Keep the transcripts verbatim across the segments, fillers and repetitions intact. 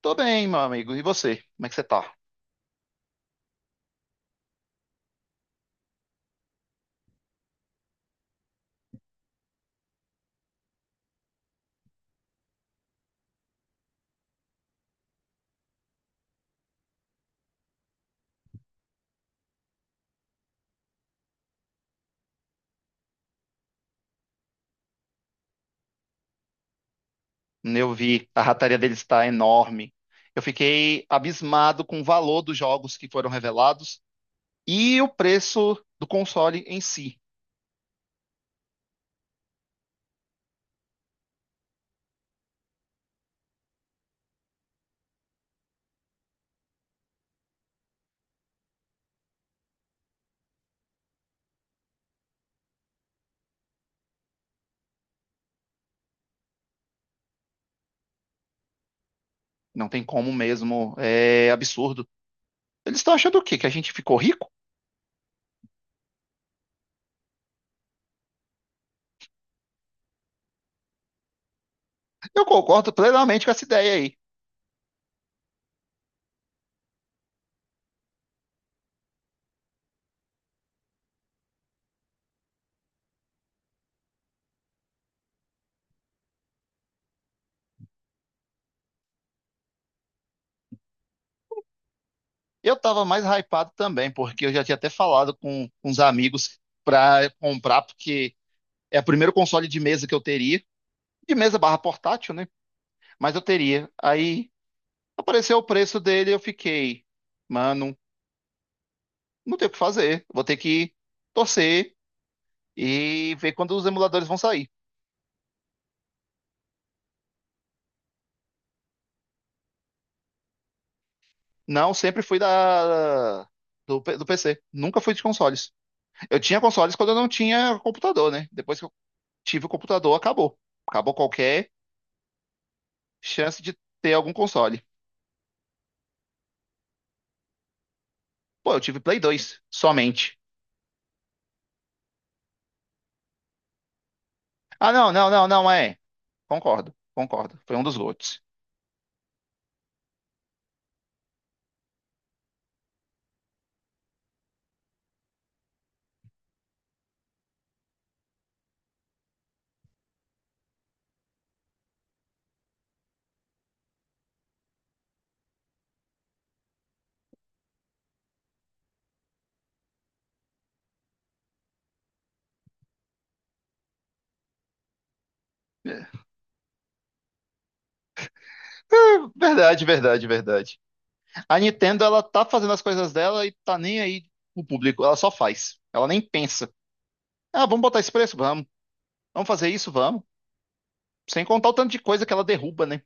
Tô bem, meu amigo. E você? Como é que você tá? Eu vi, a rataria deles está enorme. Eu fiquei abismado com o valor dos jogos que foram revelados e o preço do console em si. Não tem como mesmo, é absurdo. Eles estão achando o quê? Que a gente ficou rico? Eu concordo plenamente com essa ideia aí. Eu tava mais hypado também, porque eu já tinha até falado com uns amigos pra comprar, porque é o primeiro console de mesa que eu teria, de mesa barra portátil, né? Mas eu teria. Aí. Apareceu o preço dele, eu fiquei, mano, não tem o que fazer. Vou ter que torcer e ver quando os emuladores vão sair. Não, sempre fui da do, P- do P C. Nunca fui de consoles. Eu tinha consoles quando eu não tinha computador, né? Depois que eu tive o computador, acabou. Acabou qualquer chance de ter algum console. Pô, eu tive Play dois somente. Ah, não, não, não, não é. Concordo, concordo. Foi um dos GOATs. É, é, verdade, verdade, verdade. A Nintendo, ela tá fazendo as coisas dela e tá nem aí pro público. Ela só faz. Ela nem pensa. Ah, vamos botar esse preço? Vamos. Vamos fazer isso? Vamos. Sem contar o tanto de coisa que ela derruba, né?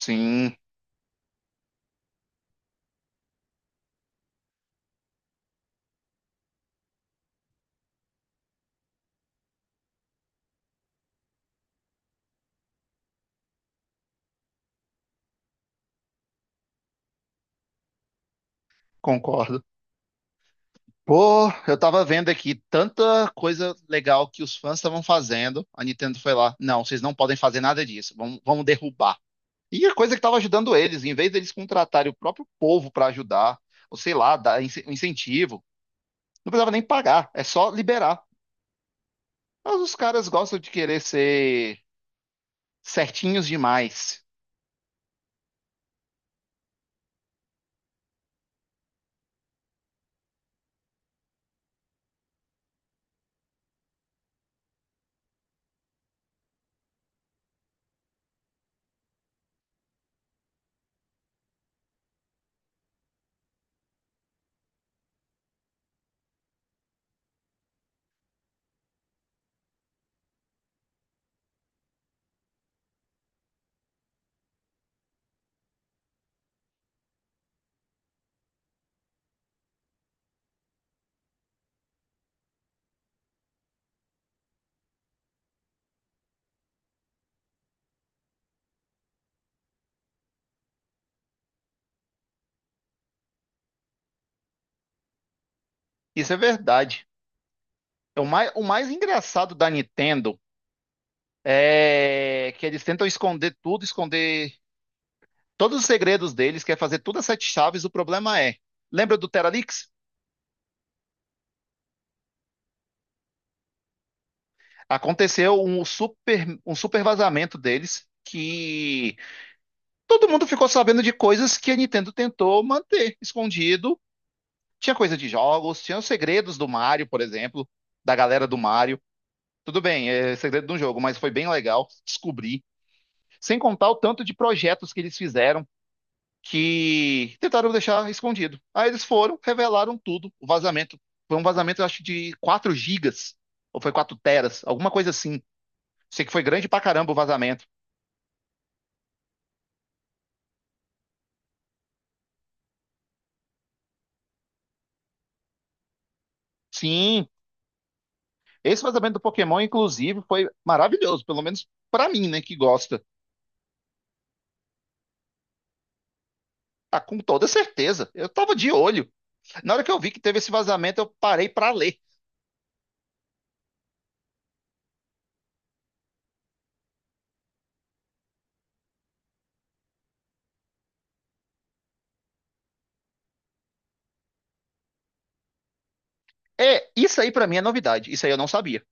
Sim, concordo. Pô, eu tava vendo aqui tanta coisa legal que os fãs estavam fazendo. A Nintendo foi lá. Não, vocês não podem fazer nada disso. Vamos, vamos derrubar. E a coisa que tava ajudando eles, em vez deles contratarem o próprio povo pra ajudar, ou sei lá, dar ince- incentivo, não precisava nem pagar, é só liberar. Mas os caras gostam de querer ser certinhos demais. Isso é verdade. É O mais, o mais engraçado da Nintendo é que eles tentam esconder tudo, esconder todos os segredos deles, quer fazer tudo a sete chaves. O problema é, lembra do Teralix? Aconteceu um super, um super vazamento deles que todo mundo ficou sabendo de coisas que a Nintendo tentou manter escondido. Tinha coisa de jogos, tinha os segredos do Mario, por exemplo, da galera do Mario. Tudo bem, é segredo de um jogo, mas foi bem legal descobrir. Sem contar o tanto de projetos que eles fizeram que tentaram deixar escondido. Aí eles foram, revelaram tudo. O vazamento foi um vazamento, eu acho, de quatro gigas, ou foi quatro teras, alguma coisa assim. Sei que foi grande pra caramba o vazamento. Sim, esse vazamento do Pokémon, inclusive, foi maravilhoso, pelo menos pra mim, né, que gosta. Ah, com toda certeza. Eu tava de olho. Na hora que eu vi que teve esse vazamento, eu parei pra ler. É, isso aí pra mim é novidade. Isso aí eu não sabia.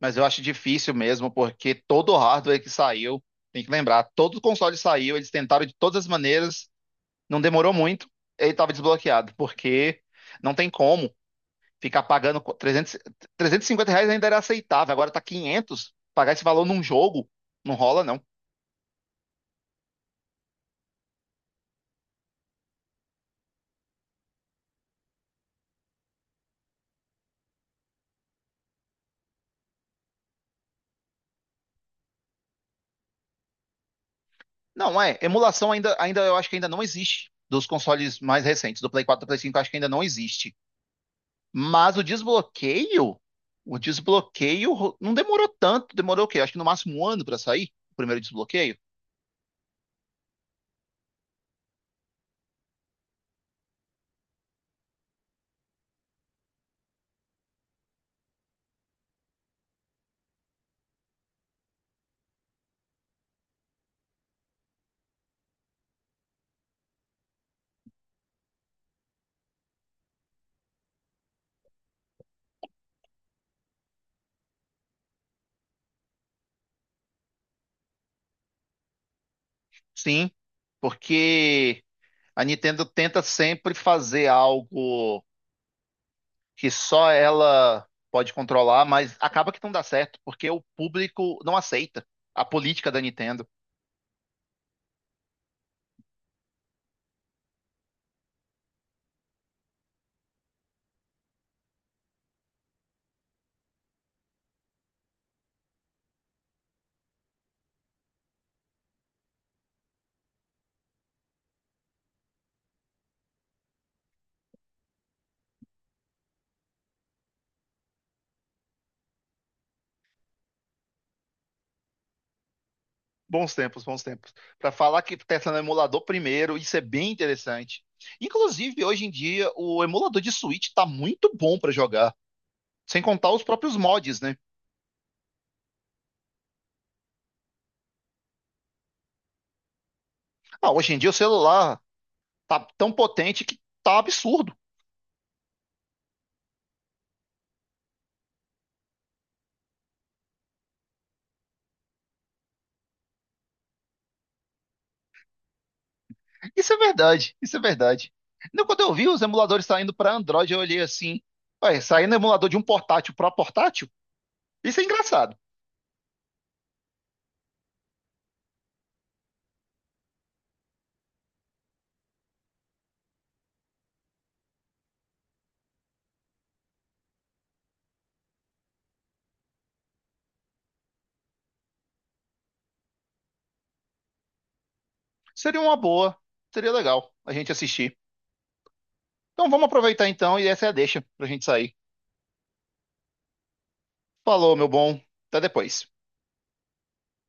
Mas eu acho difícil mesmo, porque todo o hardware que saiu, tem que lembrar, todo o console saiu, eles tentaram de todas as maneiras, não demorou muito, ele estava desbloqueado, porque não tem como ficar pagando trezentos, trezentos e cinquenta reais ainda era aceitável, agora tá quinhentos, pagar esse valor num jogo, não rola não. Não, é, emulação ainda, ainda eu acho que ainda não existe, dos consoles mais recentes, do Play quatro do Play cinco, eu acho que ainda não existe. Mas o desbloqueio, o desbloqueio ro- não demorou tanto, demorou o quê? Acho que no máximo um ano para sair o primeiro desbloqueio. Sim, porque a Nintendo tenta sempre fazer algo que só ela pode controlar, mas acaba que não dá certo, porque o público não aceita a política da Nintendo. Bons tempos, bons tempos. Para falar que testa no emulador primeiro, isso é bem interessante. Inclusive, hoje em dia, o emulador de Switch tá muito bom para jogar. Sem contar os próprios mods, né? Ah, hoje em dia o celular tá tão potente que tá absurdo. Isso é verdade, isso é verdade. Não, quando eu vi os emuladores saindo para Android, eu olhei assim, ué, saindo emulador de um portátil para portátil? Isso é engraçado. Seria uma boa, seria legal a gente assistir. Então vamos aproveitar então e essa é a deixa pra gente sair. Falou, meu bom. Até depois.